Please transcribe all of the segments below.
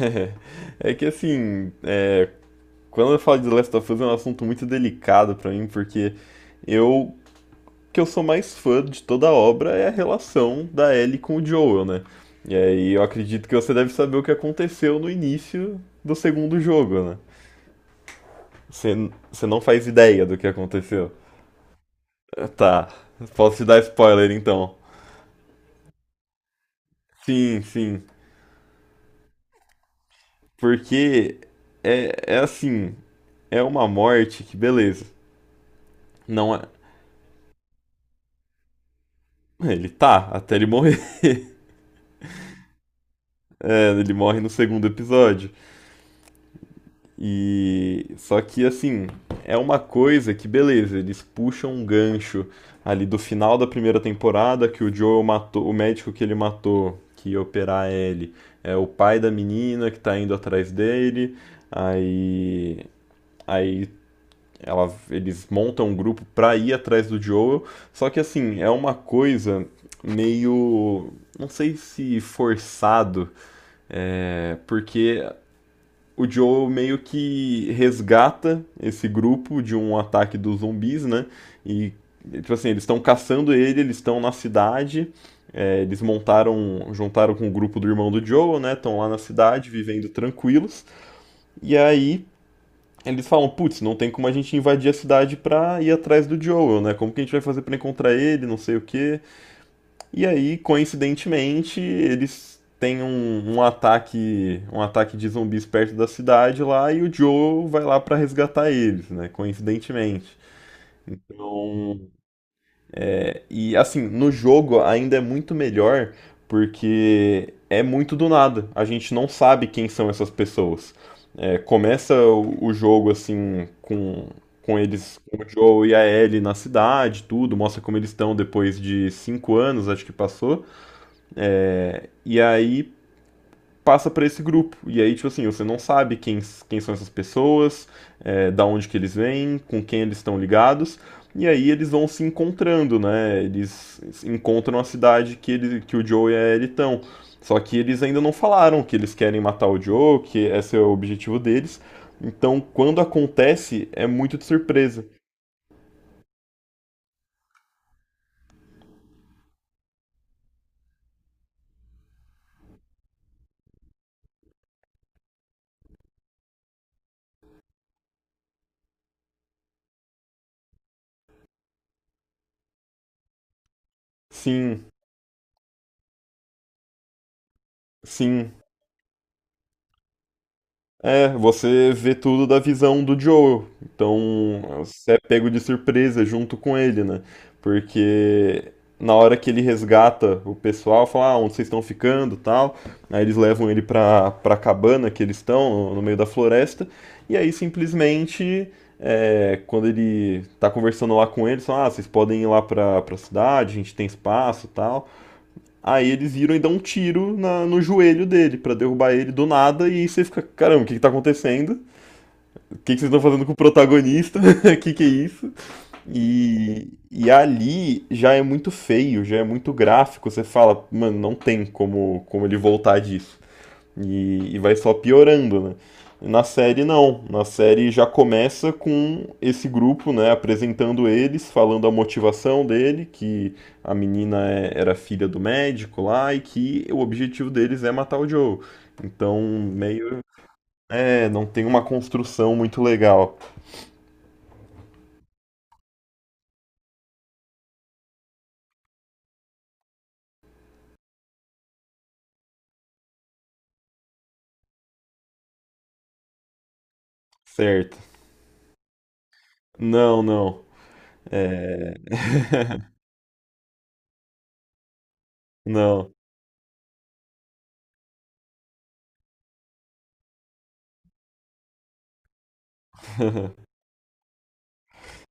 É é que assim, quando eu falo de The Last of Us é um assunto muito delicado pra mim, porque eu que eu sou mais fã de toda a obra é a relação da Ellie com o Joel, né? E aí eu acredito que você deve saber o que aconteceu no início do segundo jogo, né? Você, você não faz ideia do que aconteceu. Ah, tá, posso te dar spoiler então. Sim, sim, porque é, é assim, é uma morte que beleza, não é. Ele tá, até ele morrer. É, ele morre no segundo episódio. E só que assim, é uma coisa que beleza, eles puxam um gancho ali do final da primeira temporada que o Joel matou, o médico que ele matou, que ia operar ele, é o pai da menina que tá indo atrás dele. Aí aí ela, eles montam um grupo pra ir atrás do Joel. Só que assim, é uma coisa meio. Não sei se forçado, é, porque o Joe meio que resgata esse grupo de um ataque dos zumbis, né? E, tipo assim, eles estão caçando ele, eles estão na cidade, é, eles montaram, juntaram com o grupo do irmão do Joe, né? Estão lá na cidade, vivendo tranquilos. E aí eles falam, putz, não tem como a gente invadir a cidade pra ir atrás do Joel, né? Como que a gente vai fazer pra encontrar ele, não sei o quê. E aí, coincidentemente, eles têm um ataque de zumbis perto da cidade lá e o Joe vai lá pra resgatar eles, né? Coincidentemente. Então, é, e assim, no jogo ainda é muito melhor porque é muito do nada. A gente não sabe quem são essas pessoas. É, começa o jogo assim com eles, com o Joe e a Ellie na cidade, tudo, mostra como eles estão depois de 5 anos, acho que passou. É, e aí passa para esse grupo. E aí, tipo assim, você não sabe quem são essas pessoas, é, da onde que eles vêm, com quem eles estão ligados. E aí eles vão se encontrando, né? Eles encontram a cidade que o Joe e a Ellie estão. Só que eles ainda não falaram que eles querem matar o Joe, que esse é o objetivo deles. Então, quando acontece, é muito de surpresa. Sim, sim. É, você vê tudo da visão do Joel. Então, você é pego de surpresa junto com ele, né? Porque na hora que ele resgata o pessoal, fala, ah, onde vocês estão ficando, tal. Aí eles levam ele pra, pra cabana que eles estão, no meio da floresta. E aí, simplesmente, é, quando ele tá conversando lá com eles, fala, ah, vocês podem ir lá pra, pra cidade, a gente tem espaço, tal. Aí eles viram e dão um tiro no joelho dele pra derrubar ele do nada. E aí você fica, caramba, o que que tá acontecendo? O que que vocês estão fazendo com o protagonista? O que que é isso? E ali já é muito feio, já é muito gráfico. Você fala, mano, não tem como, como ele voltar disso. E vai só piorando, né? Na série não, na série já começa com esse grupo, né, apresentando eles, falando a motivação dele, que a menina era filha do médico lá e que o objetivo deles é matar o Joe. Então, meio, é, não tem uma construção muito legal, certo? Não, não. É, não.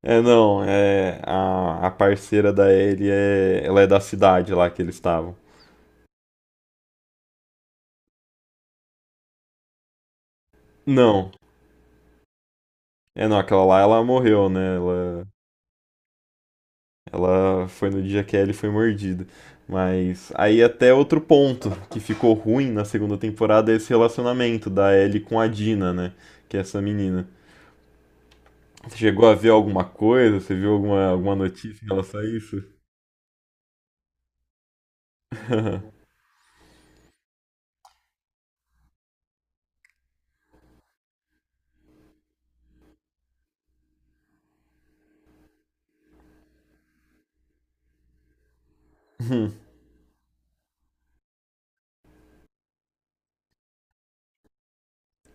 É, não, é a parceira da Ellie é, ela é da cidade lá que eles estavam. Não. É, não, aquela lá ela morreu, né? Ela foi no dia que a Ellie foi mordida. Mas aí até outro ponto que ficou ruim na segunda temporada é esse relacionamento da Ellie com a Dina, né? Que é essa menina. Você chegou a ver alguma coisa? Você viu alguma, alguma notícia em relação a isso?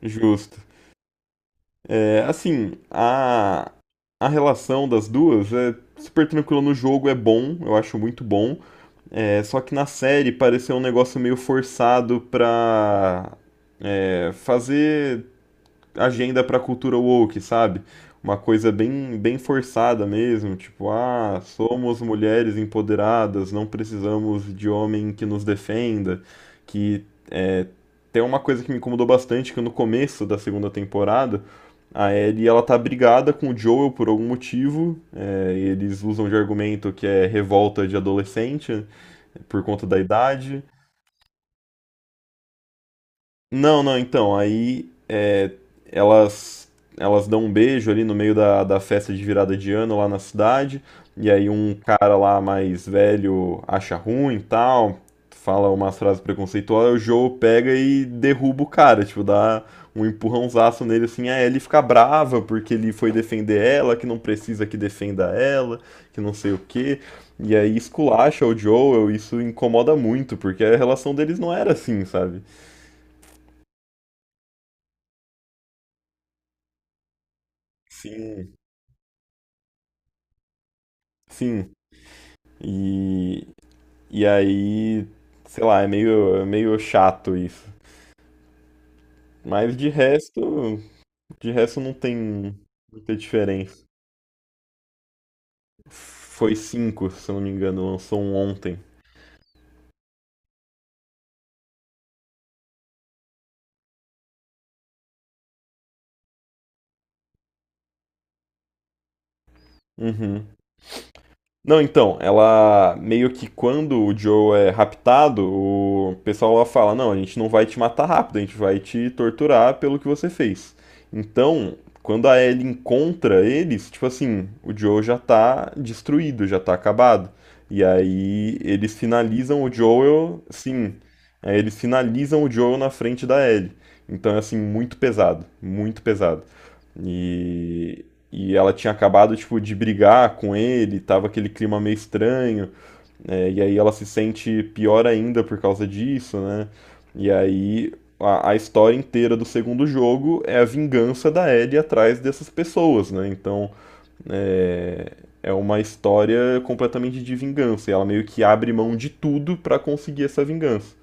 Justo. É, assim, a relação das duas é super tranquila no jogo, é bom, eu acho muito bom. É, só que na série pareceu um negócio meio forçado pra é, fazer agenda pra cultura woke, sabe? Uma coisa bem, bem forçada mesmo, tipo, ah, somos mulheres empoderadas, não precisamos de homem que nos defenda. Que tem uma coisa que me incomodou bastante, que no começo da segunda temporada, a Ellie, ela tá brigada com o Joel por algum motivo. É, eles usam de argumento que é revolta de adolescente, né? Por conta da idade? Não, não, então, aí é, elas elas dão um beijo ali no meio da festa de virada de ano lá na cidade, e aí um cara lá mais velho acha ruim e tal, fala umas frases preconceituosas, o Joe pega e derruba o cara, tipo, dá um empurrãozaço nele assim, aí ele fica brava porque ele foi defender ela, que não precisa que defenda ela, que não sei o quê. E aí esculacha o Joel, isso incomoda muito, porque a relação deles não era assim, sabe? Sim. Sim. E, e aí, sei lá, é meio chato isso. Mas de resto não tem muita diferença. Foi 5 se eu não me engano, lançou um ontem. Uhum. Não, então, ela meio que quando o Joe é raptado, o pessoal lá fala: não, a gente não vai te matar rápido, a gente vai te torturar pelo que você fez. Então, quando a Ellie encontra eles, tipo assim, o Joe já tá destruído, já tá acabado. E aí eles finalizam o Joel, sim, aí eles finalizam o Joel na frente da Ellie. Então é assim, muito pesado, muito pesado. E e ela tinha acabado, tipo, de brigar com ele, tava aquele clima meio estranho, né? E aí ela se sente pior ainda por causa disso, né? E aí a história inteira do segundo jogo é a vingança da Ellie atrás dessas pessoas, né? Então é, é uma história completamente de vingança. E ela meio que abre mão de tudo pra conseguir essa vingança.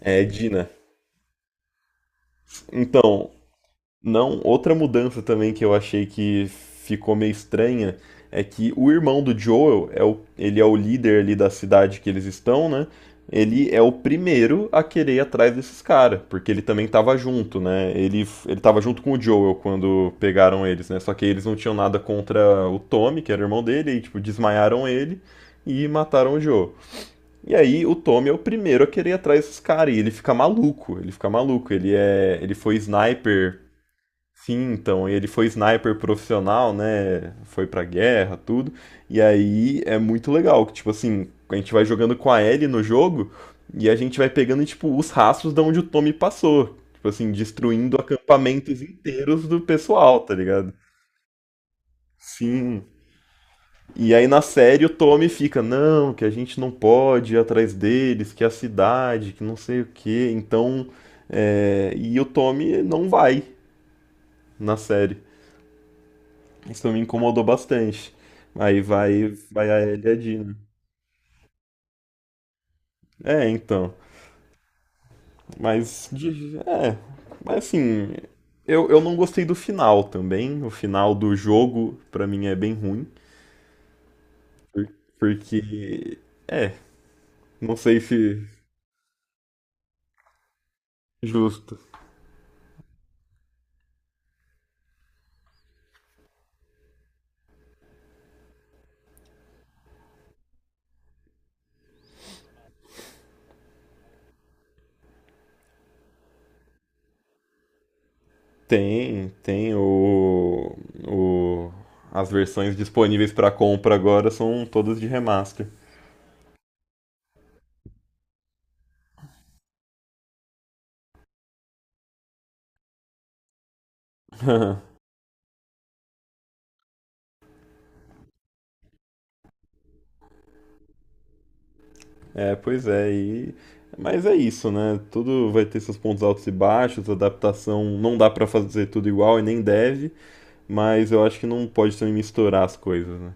É, Dina. Então, não, outra mudança também que eu achei que ficou meio estranha é que o irmão do Joel é ele é o líder ali da cidade que eles estão, né? Ele é o primeiro a querer ir atrás desses caras, porque ele também tava junto, né? Ele tava junto com o Joel quando pegaram eles, né? Só que eles não tinham nada contra o Tommy, que era o irmão dele, e tipo, desmaiaram ele e mataram o Joel. E aí o Tommy é o primeiro a querer ir atrás desses caras, e ele fica maluco, ele fica maluco, ele foi sniper. Sim, então, e ele foi sniper profissional, né? Foi pra guerra, tudo. E aí é muito legal que, tipo assim, a gente vai jogando com a Ellie no jogo e a gente vai pegando, tipo, os rastros de onde o Tommy passou. Tipo assim, destruindo acampamentos inteiros do pessoal, tá ligado? Sim. E aí na série o Tommy fica, não, que a gente não pode ir atrás deles, que é a cidade, que não sei o quê. Então, é... e o Tommy não vai na série. Isso me incomodou bastante. Aí vai, vai a Ellie e a Dina. É, então. Mas, de- é. Mas assim, eu não gostei do final também. O final do jogo, pra mim, é bem ruim. por- Porque, é, não sei se justo. Tem, tem o as versões disponíveis pra compra agora são todas de remaster. É, pois é, mas é isso, né? Tudo vai ter seus pontos altos e baixos, adaptação não dá pra fazer tudo igual e nem deve, mas eu acho que não pode também misturar as coisas, né?